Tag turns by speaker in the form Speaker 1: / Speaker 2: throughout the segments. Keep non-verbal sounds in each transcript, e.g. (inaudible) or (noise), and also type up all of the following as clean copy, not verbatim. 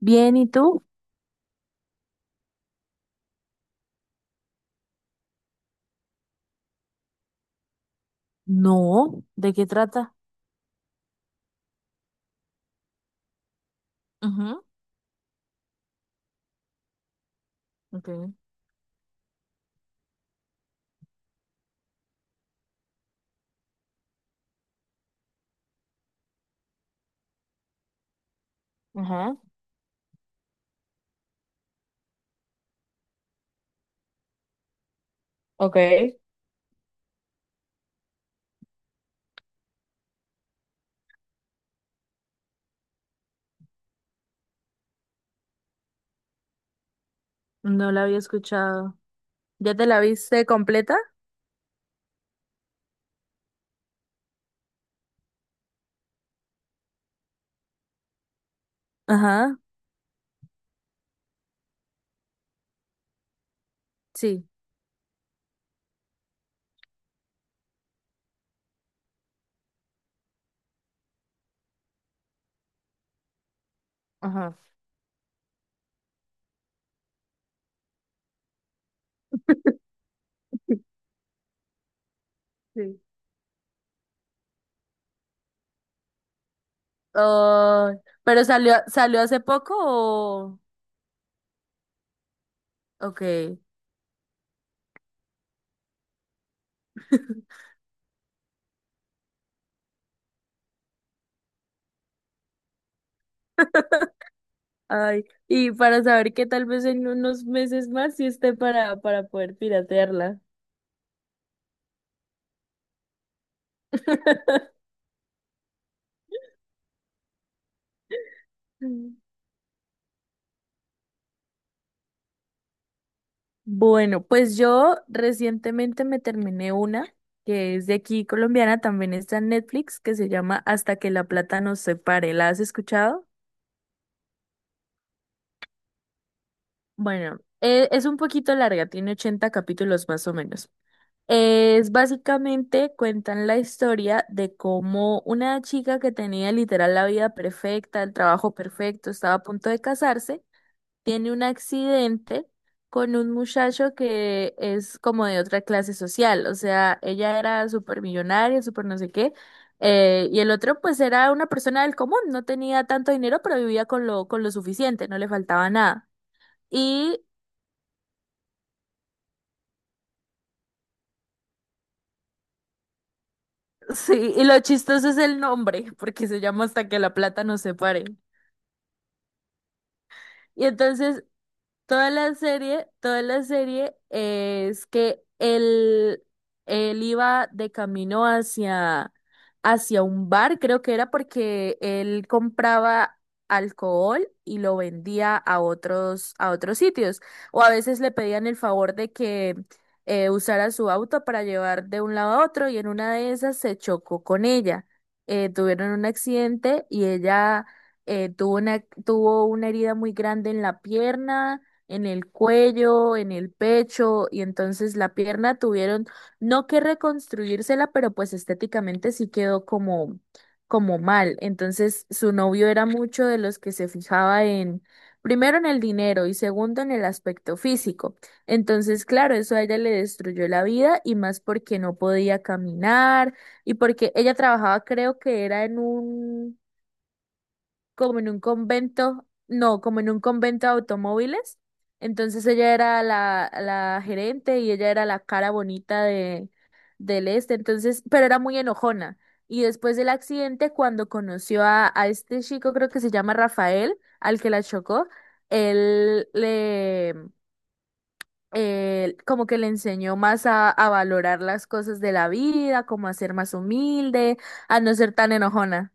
Speaker 1: Bien, ¿y tú? No, ¿de qué trata? Ujú, ok. Ajá, ok. No la había escuchado. ¿Ya te la viste completa? Ajá, sí. Ajá. (laughs) Sí. Oh, ¿pero salió hace poco o...? Ok. (laughs) Ay, y para saber que tal vez en unos meses más sí esté para poder piratearla. (laughs) Bueno, pues yo recientemente me terminé una que es de aquí colombiana, también está en Netflix, que se llama Hasta que la plata nos separe. ¿La has escuchado? Bueno, es un poquito larga, tiene 80 capítulos más o menos. Es básicamente cuentan la historia de cómo una chica que tenía literal la vida perfecta, el trabajo perfecto, estaba a punto de casarse, tiene un accidente con un muchacho que es como de otra clase social, o sea, ella era súper millonaria, súper no sé qué, y el otro pues era una persona del común, no tenía tanto dinero, pero vivía con lo suficiente, no le faltaba nada. Y (laughs) sí, y lo chistoso es el nombre, porque se llama Hasta que la plata nos separe. Y entonces toda la serie, toda la serie es que él iba de camino hacia, hacia un bar, creo que era porque él compraba alcohol y lo vendía a otros sitios. O a veces le pedían el favor de que usara su auto para llevar de un lado a otro y en una de esas se chocó con ella. Tuvieron un accidente y ella, tuvo una herida muy grande en la pierna, en el cuello, en el pecho, y entonces la pierna tuvieron, no que reconstruírsela, pero pues estéticamente sí quedó como, como mal. Entonces su novio era mucho de los que se fijaba en, primero en el dinero y segundo en el aspecto físico. Entonces, claro, eso a ella le destruyó la vida y más porque no podía caminar y porque ella trabajaba, creo que era en un, como en un convento, no, como en un convento de automóviles. Entonces ella era la gerente y ella era la cara bonita de, del este, entonces, pero era muy enojona. Y después del accidente, cuando conoció a este chico, creo que se llama Rafael, al que la chocó, él le, como que le enseñó más a valorar las cosas de la vida, como a ser más humilde, a no ser tan enojona,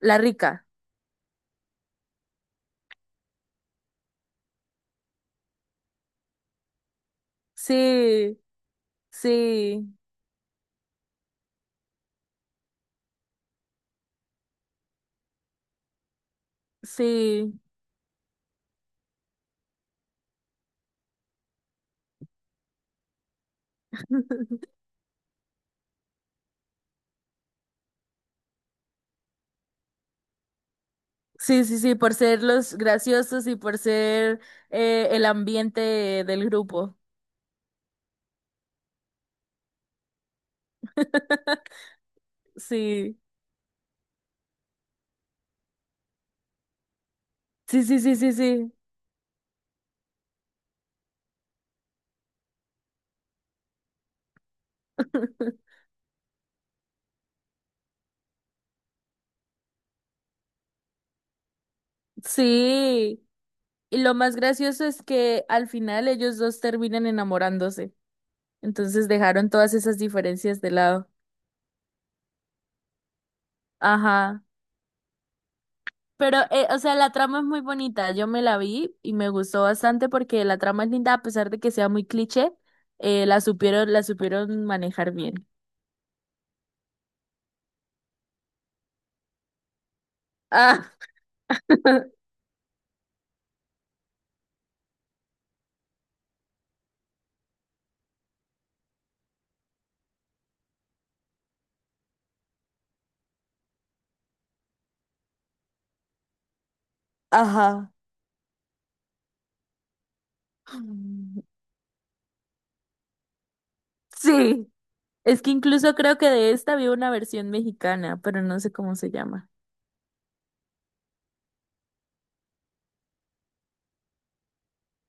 Speaker 1: la rica. Sí. Sí, sí. (laughs) Sí, sí, sí, por ser los graciosos y por ser el ambiente del grupo. Sí, sí, sí, sí, sí, sí. (laughs) Sí. Y lo más gracioso es que al final ellos dos terminan enamorándose. Entonces dejaron todas esas diferencias de lado. Ajá. Pero, o sea, la trama es muy bonita. Yo me la vi y me gustó bastante porque la trama es linda, a pesar de que sea muy cliché, la supieron manejar bien. Ah, (laughs) Ajá. Mm, sí. Es que incluso creo que de esta había una versión mexicana, pero no sé cómo se llama.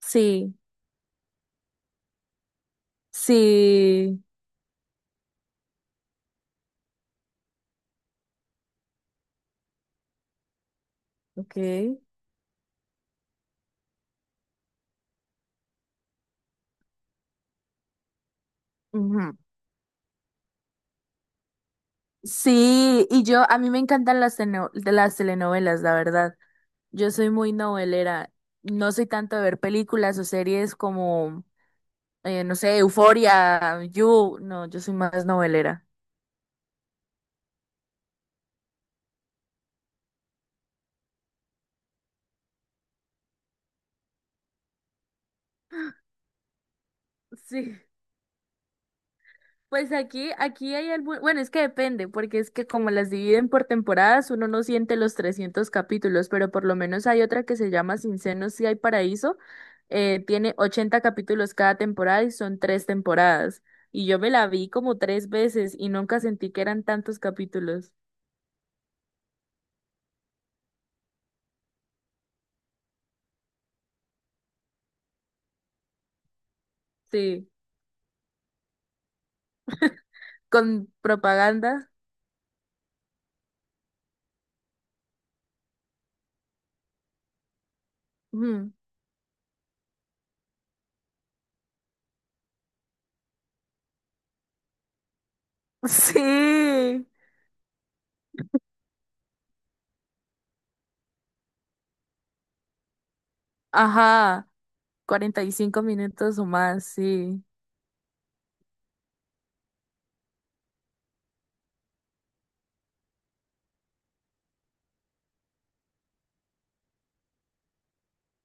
Speaker 1: Sí, sí. Ok. Ujú. Sí, y yo, a mí me encantan las, de las telenovelas, la verdad. Yo soy muy novelera. No soy tanto de ver películas o series como, no sé, Euforia, You. No, yo soy más novelera. Sí. Pues aquí, aquí hay algún, bueno, es que depende, porque es que como las dividen por temporadas, uno no siente los 300 capítulos, pero por lo menos hay otra que se llama Sin Senos si hay Paraíso, tiene 80 capítulos cada temporada y son tres temporadas, y yo me la vi como tres veces y nunca sentí que eran tantos capítulos, sí, con propaganda, ujú, (laughs) Sí, ajá, 45 minutos o más, sí,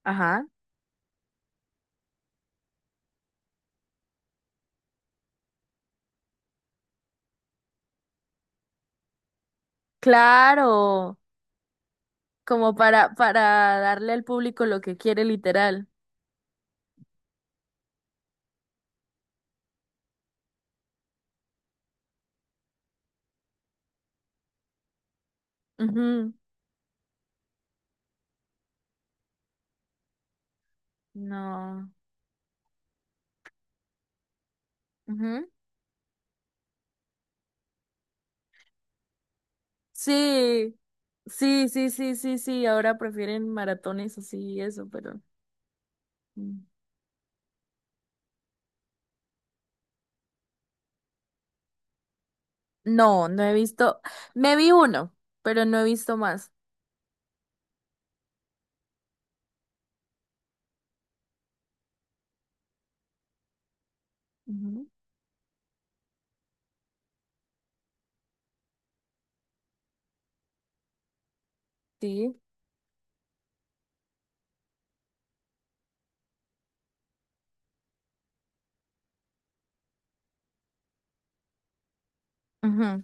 Speaker 1: ajá, claro. Como para darle al público lo que quiere, literal. Ujú. No. Ujú. Sí, sí, sí, sí, sí, sí. Ahora prefieren maratones así y eso, pero mm, no, no he visto. Me vi uno, pero no he visto más. Ujú. Sí, ujú,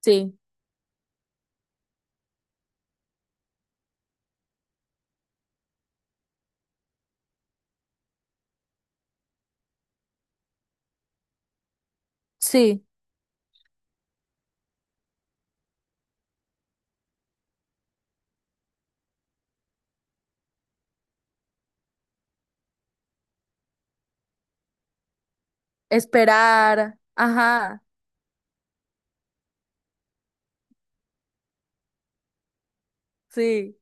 Speaker 1: sí, sí. Esperar. Ajá. Sí,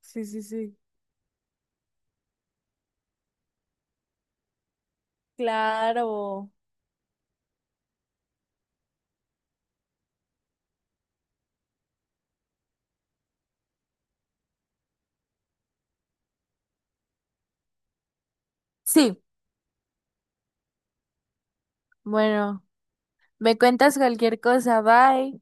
Speaker 1: sí, sí, sí. Claro. Sí. Bueno, me cuentas cualquier cosa. Bye.